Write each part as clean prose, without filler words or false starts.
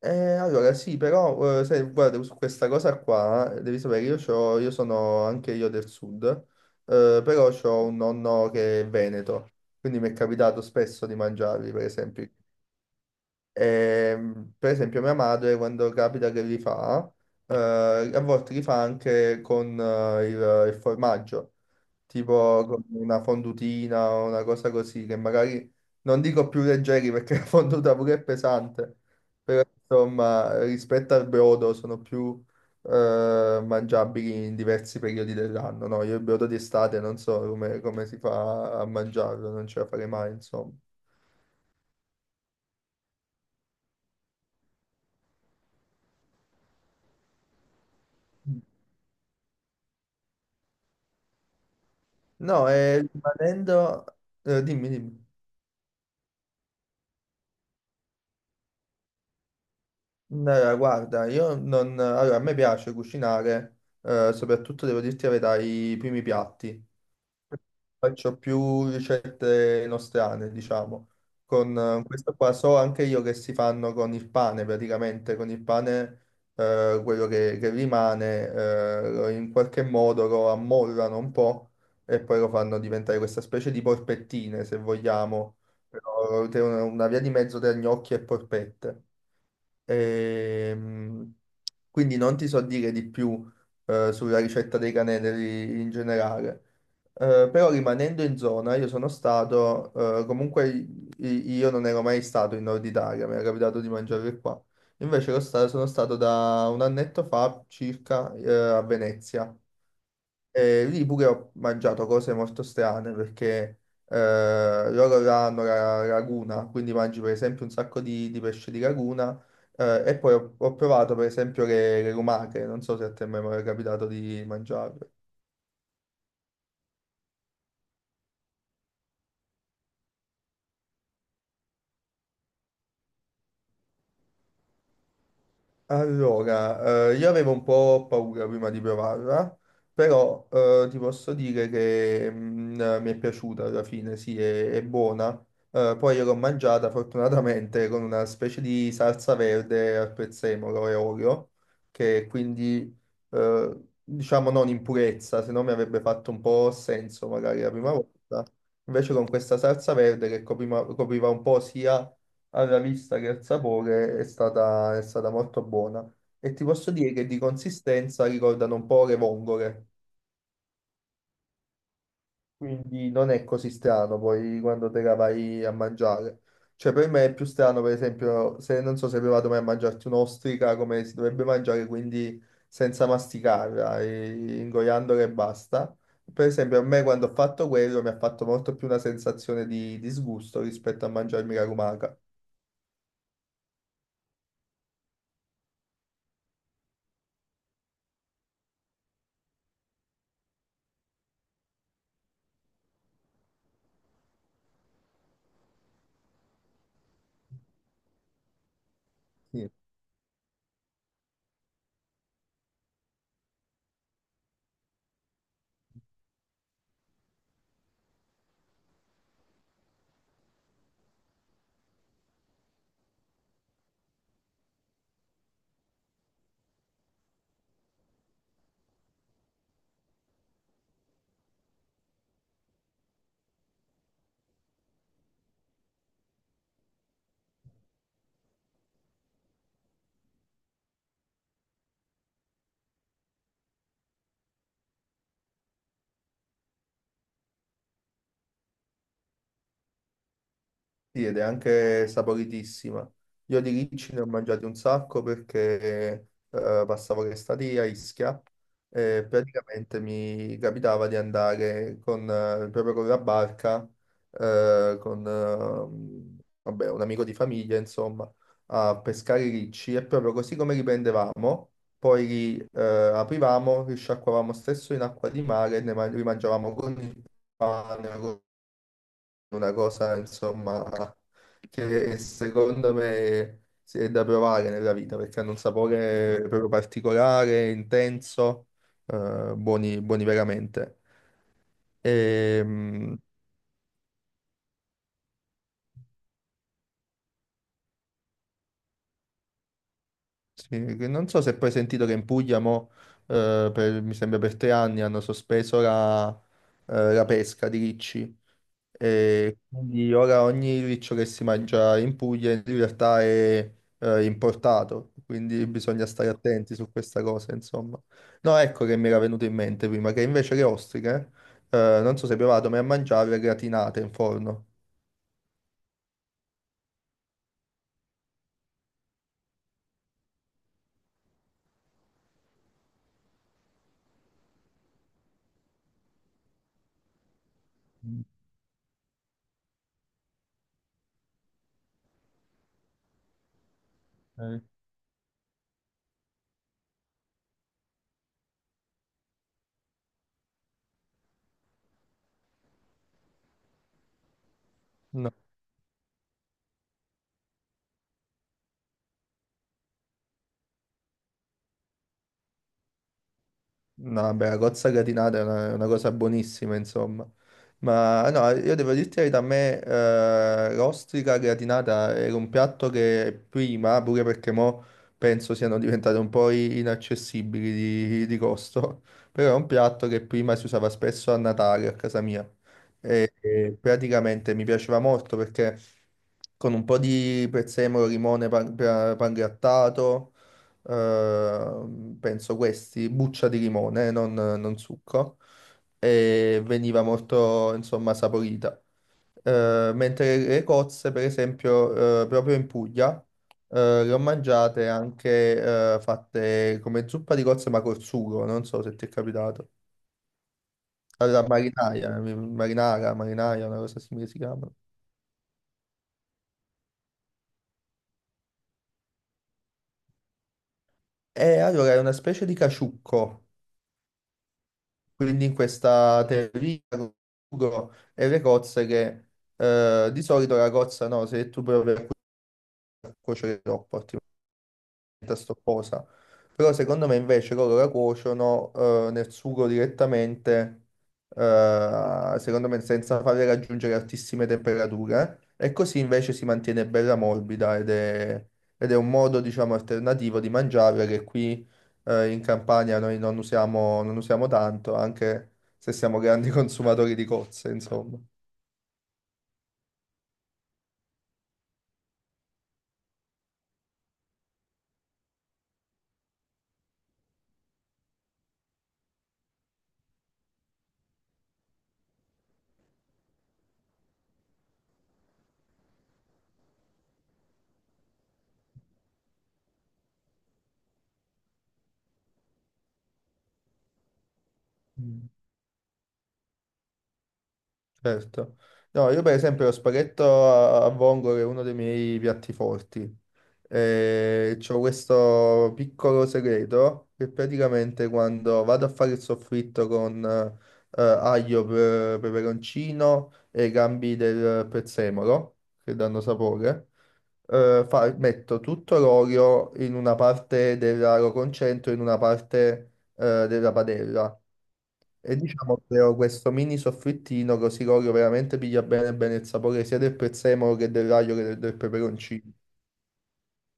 Eh, allora sì, però sai, guarda, su questa cosa qua devi sapere, io sono anche io del sud, però ho un nonno che è veneto, quindi mi è capitato spesso di mangiarli, per esempio. Per esempio mia madre quando capita che li fa, eh, a volte li fa anche con il formaggio, tipo con una fondutina o una cosa così, che magari non dico più leggeri perché la fonduta pure è pesante, però insomma rispetto al brodo sono più mangiabili in diversi periodi dell'anno, no? Io il brodo d'estate non so come si fa a mangiarlo, non ce la farei mai, insomma. No, e rimanendo... dimmi, dimmi. No, guarda, io non... Allora, a me piace cucinare, soprattutto devo dirti la verità, i primi piatti. Faccio più ricette nostrane, diciamo. Con questo qua so anche io che si fanno con il pane, praticamente con il pane quello che rimane in qualche modo lo ammollano un po' e poi lo fanno diventare questa specie di porpettine, se vogliamo, però una via di mezzo tra gnocchi e porpette. Ehm, quindi non ti so dire di più sulla ricetta dei canestri in generale. Però rimanendo in zona, comunque io non ero mai stato in Nord Italia, mi era capitato di mangiare qua. Invece sono stato da un annetto fa circa a Venezia. E lì pure ho mangiato cose molto strane perché loro là hanno la laguna, quindi mangi per esempio un sacco di pesce di laguna e poi ho provato per esempio le lumache, non so se a te mai capitato di mangiare. Allora, io avevo un po' paura prima di provarla, però ti posso dire che mi è piaciuta alla fine, sì, è buona. Poi io l'ho mangiata fortunatamente con una specie di salsa verde al prezzemolo e olio, che quindi diciamo non in purezza, se no mi avrebbe fatto un po' senso magari la prima volta. Invece con questa salsa verde che copriva un po' sia alla vista che al sapore è stata molto buona. E ti posso dire che di consistenza ricordano un po' le vongole, quindi non è così strano poi quando te la vai a mangiare. Cioè per me è più strano, per esempio, se non so se hai provato mai a mangiarti un'ostrica come si dovrebbe mangiare, quindi senza masticarla, e ingoiandola e basta. Per esempio, a me quando ho fatto quello mi ha fatto molto più una sensazione di disgusto rispetto a mangiarmi la lumaca. Sì. Sì, ed è anche saporitissima. Io di ricci ne ho mangiati un sacco perché passavo l'estate a Ischia e praticamente mi capitava di andare con, proprio con la barca, con vabbè, un amico di famiglia, insomma, a pescare i ricci e proprio così come li prendevamo, poi li aprivamo, li sciacquavamo stesso in acqua di mare e li mangiavamo con il pane, una cosa, insomma, che secondo me si è da provare nella vita perché hanno un sapore proprio particolare, intenso, buoni, buoni veramente. E, mh, sì, che non so se poi hai sentito che in Puglia mo, mi sembra per 3 anni hanno sospeso la, la pesca di ricci. E quindi ora ogni riccio che si mangia in Puglia in realtà è importato, quindi bisogna stare attenti su questa cosa, insomma. No, ecco che mi era venuto in mente prima, che invece le ostriche, non so se hai provato, ma a mangiarle gratinate in forno. Mm. Ok. No, beh, la cozza gratinata è una cosa buonissima, insomma. Ma no, io devo dirti la verità, a me l'ostrica gratinata era un piatto che prima, pure perché mo penso siano diventate un po' inaccessibili di costo, però è un piatto che prima si usava spesso a Natale a casa mia e praticamente mi piaceva molto perché con un po' di prezzemolo, limone, pan grattato penso questi, buccia di limone, non succo, e veniva molto, insomma, saporita. Mentre le cozze, per esempio, proprio in Puglia, le ho mangiate anche fatte come zuppa di cozze, ma col sugo, non so se ti è capitato. Allora, marinaia, una cosa simile si chiama. E allora è una specie di caciucco. Quindi in questa teoria con Ugo e le cozze che di solito la cozza no, se tu provi a cuocere troppo, ti sto cosa. Però secondo me invece loro la cuociono nel sugo direttamente, secondo me senza farle raggiungere altissime temperature. E così invece si mantiene bella morbida ed ed è un modo, diciamo, alternativo di mangiarla che qui in Campania noi non usiamo, non usiamo tanto, anche se siamo grandi consumatori di cozze, insomma. Mm. Certo. No, io per esempio lo spaghetto a vongole è uno dei miei piatti forti. E c'ho questo piccolo segreto che praticamente quando vado a fare il soffritto con peperoncino e gambi del prezzemolo, che danno sapore, metto tutto l'olio in una parte della, lo concentro in una parte della padella e diciamo creo questo mini soffrittino così Corio veramente piglia bene bene il sapore sia del prezzemolo che del raglio che del peperoncino.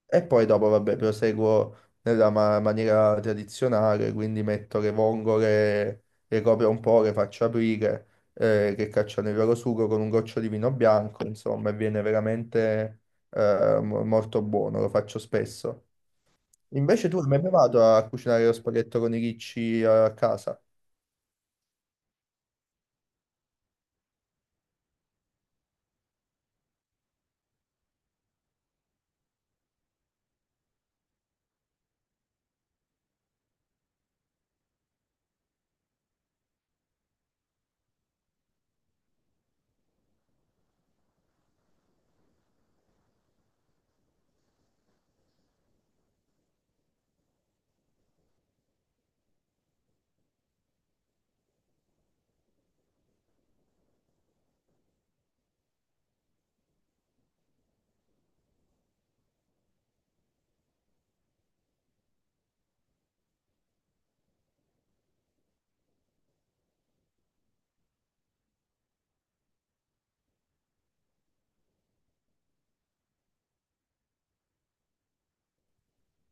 E poi dopo, vabbè, proseguo nella maniera tradizionale, quindi metto le vongole, le copro un po', le faccio aprire, che cacciano il loro sugo con un goccio di vino bianco, insomma, e viene veramente molto buono, lo faccio spesso. Invece tu hai mai provato a cucinare lo spaghetto con i ricci a casa?